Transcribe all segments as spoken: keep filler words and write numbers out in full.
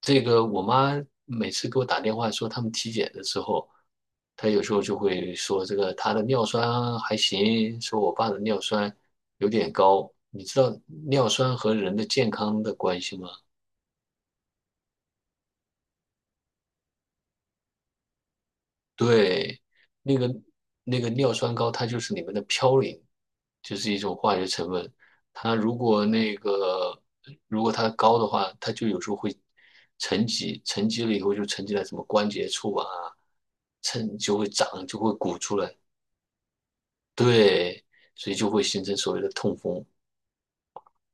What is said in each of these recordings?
这个我妈每次给我打电话说他们体检的时候，她有时候就会说这个她的尿酸还行，说我爸的尿酸有点高。你知道尿酸和人的健康的关系吗？对，那个那个尿酸高，它就是里面的嘌呤，就是一种化学成分。它如果那个如果它高的话，它就有时候会沉积，沉积了以后就沉积在什么关节处啊，沉就会长，就会鼓出来。对，所以就会形成所谓的痛风。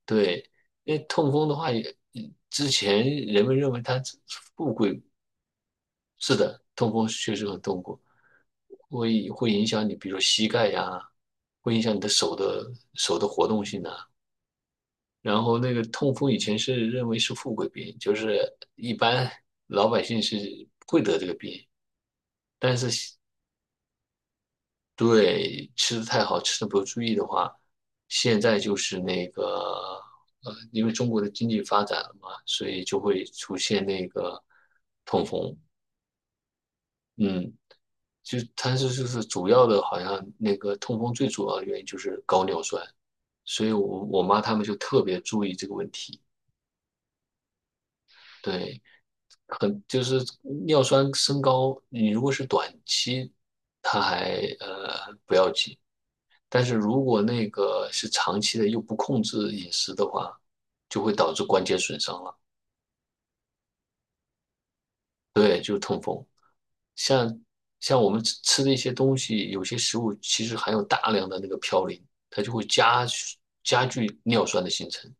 对，因为痛风的话也，之前人们认为它是富贵。是的，痛风确实很痛苦，会会影响你，比如说膝盖呀，会影响你的手的手的活动性呐、然后那个痛风以前是认为是富贵病，就是一般老百姓是不会得这个病，但是对吃的太好，吃的不注意的话，现在就是那个呃，因为中国的经济发展了嘛，所以就会出现那个痛风，嗯。就它是就是主要的，好像那个痛风最主要的原因就是高尿酸，所以我我妈他们就特别注意这个问题。对，很就是尿酸升高，你如果是短期，它还呃不要紧，但是如果那个是长期的又不控制饮食的话，就会导致关节损伤了，对，就是痛风。像像我们吃吃的一些东西，有些食物其实含有大量的那个嘌呤，它就会加加剧尿酸的形成。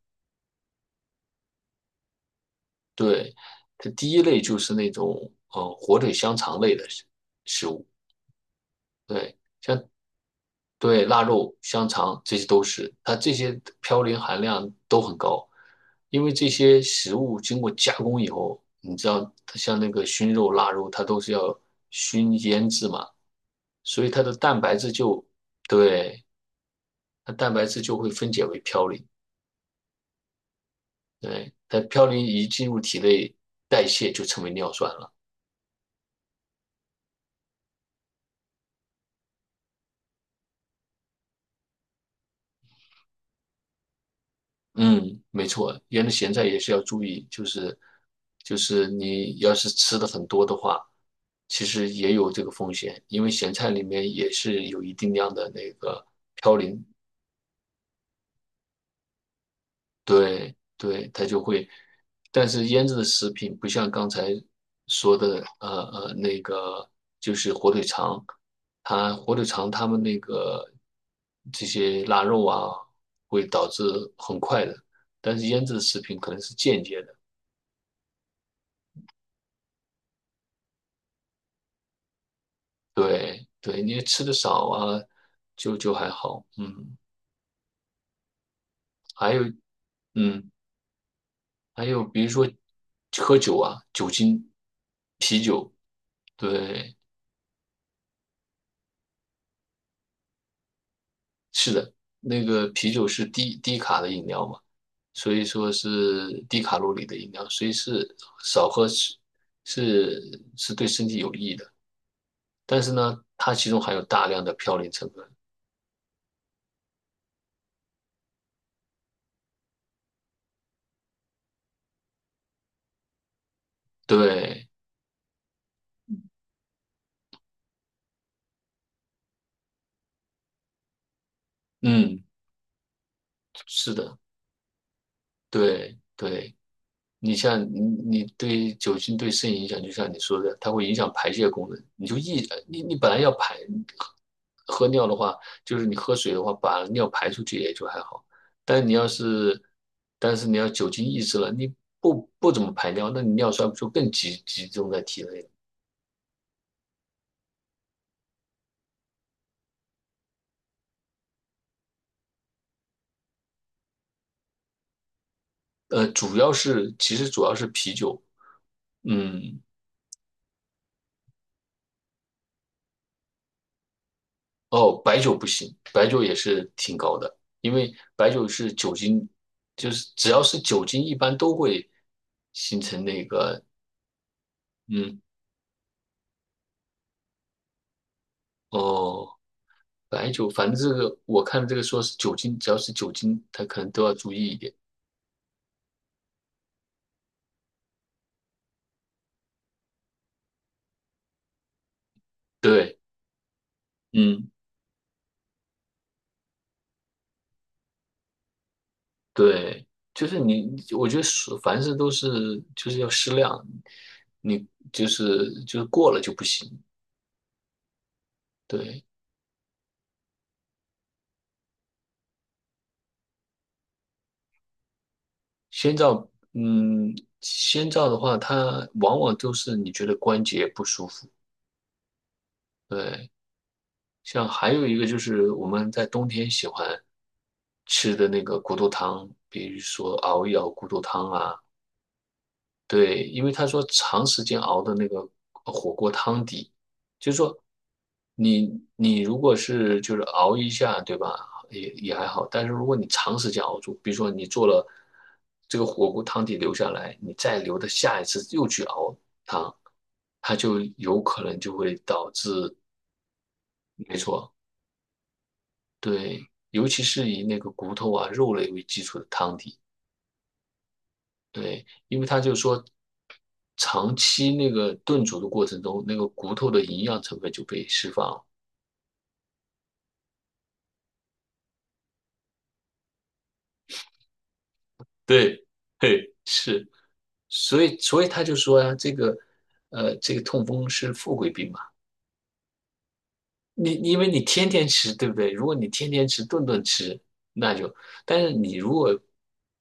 对，它第一类就是那种呃火腿香肠类的食食物，对，像对腊肉、香肠这些都是，它这些嘌呤含量都很高，因为这些食物经过加工以后，你知道它像那个熏肉、腊肉，它都是要熏腌制嘛，所以它的蛋白质就对它蛋白质就会分解为嘌呤，对，它嘌呤一进入体内代谢就成为尿酸了。嗯，没错，原来咸菜也是要注意，就是就是你要是吃的很多的话，其实也有这个风险，因为咸菜里面也是有一定量的那个嘌呤。对对，它就会，但是腌制的食品不像刚才说的，呃呃，那个就是火腿肠，它火腿肠它们那个这些腊肉啊，会导致很快的，但是腌制的食品可能是间接的，对对，你吃的少啊，就就还好，嗯，还有嗯，还有比如说喝酒啊，酒精，啤酒，对。是的，那个啤酒是低低卡的饮料嘛，所以说是低卡路里的饮料，所以是少喝是是是对身体有益的。但是呢，它其中含有大量的嘌呤成分。对，嗯，是的，对对。你像你你对酒精对肾影响，就像你说的，它会影响排泄功能。你就一你你本来要排喝尿的话，就是你喝水的话，把尿排出去也就还好。但你要是但是你要酒精抑制了，你不不怎么排尿，那你尿酸就更集集中在体内了。呃，主要是其实主要是啤酒，嗯，哦，白酒不行，白酒也是挺高的，因为白酒是酒精，就是只要是酒精，一般都会形成那个，嗯，哦，白酒，反正这个我看这个说是酒精，只要是酒精，它可能都要注意一点。对，嗯，对，就是你，我觉得是凡事都是就是要适量，你就是就是过了就不行。对，先兆，嗯，先兆的话，它往往都是你觉得关节不舒服。对，像还有一个就是我们在冬天喜欢吃的那个骨头汤，比如说熬一熬骨头汤啊，对，因为他说长时间熬的那个呃火锅汤底，就是说你你如果是就是熬一下，对吧？也也还好，但是如果你长时间熬住，比如说你做了这个火锅汤底留下来，你再留的下一次又去熬汤，它就有可能就会导致，没错，对，尤其是以那个骨头啊、肉类为基础的汤底。对，因为他就说，长期那个炖煮的过程中，那个骨头的营养成分就被释放了。对，嘿，是，所以所以他就说呀、这个，呃，这个痛风是富贵病嘛。你因为你天天吃，对不对？如果你天天吃，顿顿吃，那就，但是你如果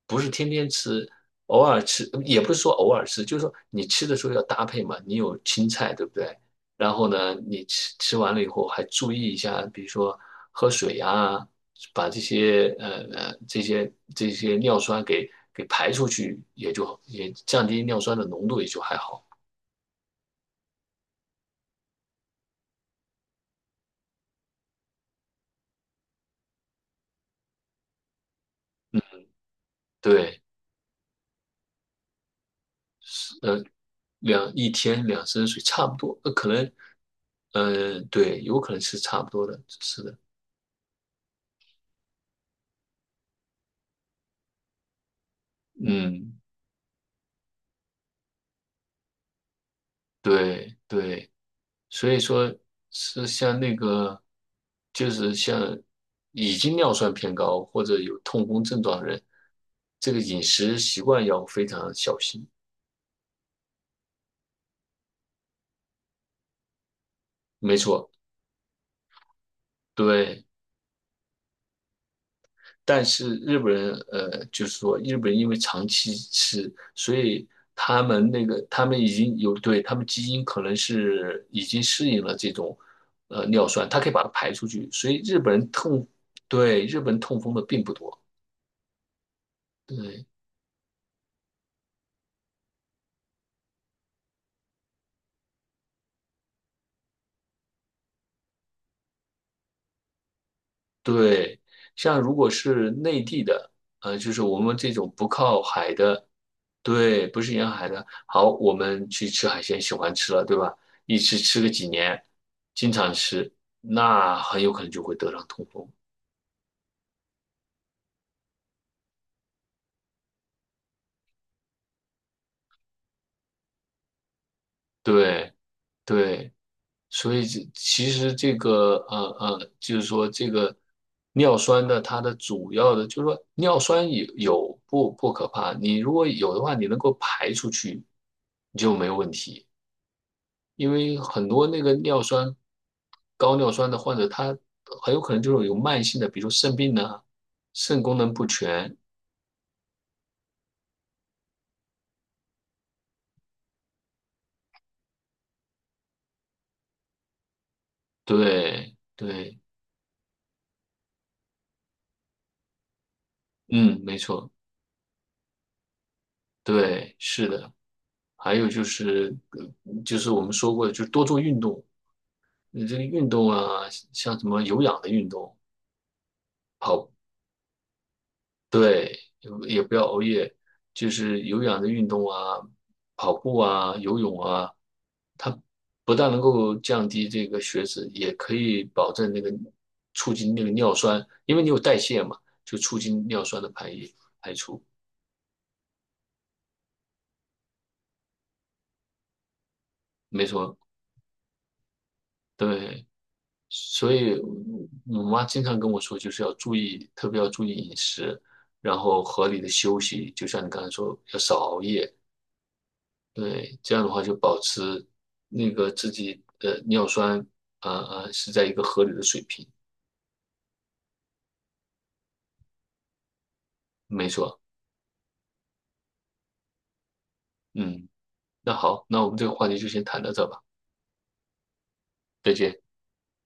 不是天天吃，偶尔吃，也不是说偶尔吃，就是说你吃的时候要搭配嘛，你有青菜，对不对？然后呢，你吃吃完了以后还注意一下，比如说喝水呀，把这些呃呃这些这些尿酸给给排出去，也就也降低尿酸的浓度，也就还好。对，呃，两一天两升水差不多，呃，可能呃，对，有可能是差不多的，是的，嗯，对对，所以说是像那个，就是像已经尿酸偏高或者有痛风症状的人，这个饮食习惯要非常小心。没错，对。但是日本人，呃，就是说日本人因为长期吃，所以他们那个他们已经有对他们基因可能是已经适应了这种呃尿酸，它可以把它排出去，所以日本人痛，对，日本痛风的并不多，对对，像如果是内地的，呃，就是我们这种不靠海的，对，不是沿海的。好，我们去吃海鲜，喜欢吃了，对吧？一吃吃个几年，经常吃，那很有可能就会得上痛风。对对，所以这其实这个呃呃，就是说这个尿酸的它的主要的，就是说尿酸有有不不可怕，你如果有的话，你能够排出去，你就没有问题。因为很多那个尿酸高尿酸的患者，他很有可能就是有慢性的，比如肾病呐、肾功能不全。对对，嗯，没错，对，是的。还有就是，呃就是我们说过的，就是多做运动。你这个运动啊，像什么有氧的运动，跑，对，也不要熬夜，就是有氧的运动啊，跑步啊，游泳啊。不但能够降低这个血脂，也可以保证那个促进那个尿酸，因为你有代谢嘛，就促进尿酸的排遗排出。没错，对，所以我妈经常跟我说，就是要注意，特别要注意饮食，然后合理的休息，就像你刚才说，要少熬夜。对，这样的话就保持那个自己的尿酸，呃呃，是在一个合理的水平。没错，嗯，那好，那我们这个话题就先谈到这吧，再见。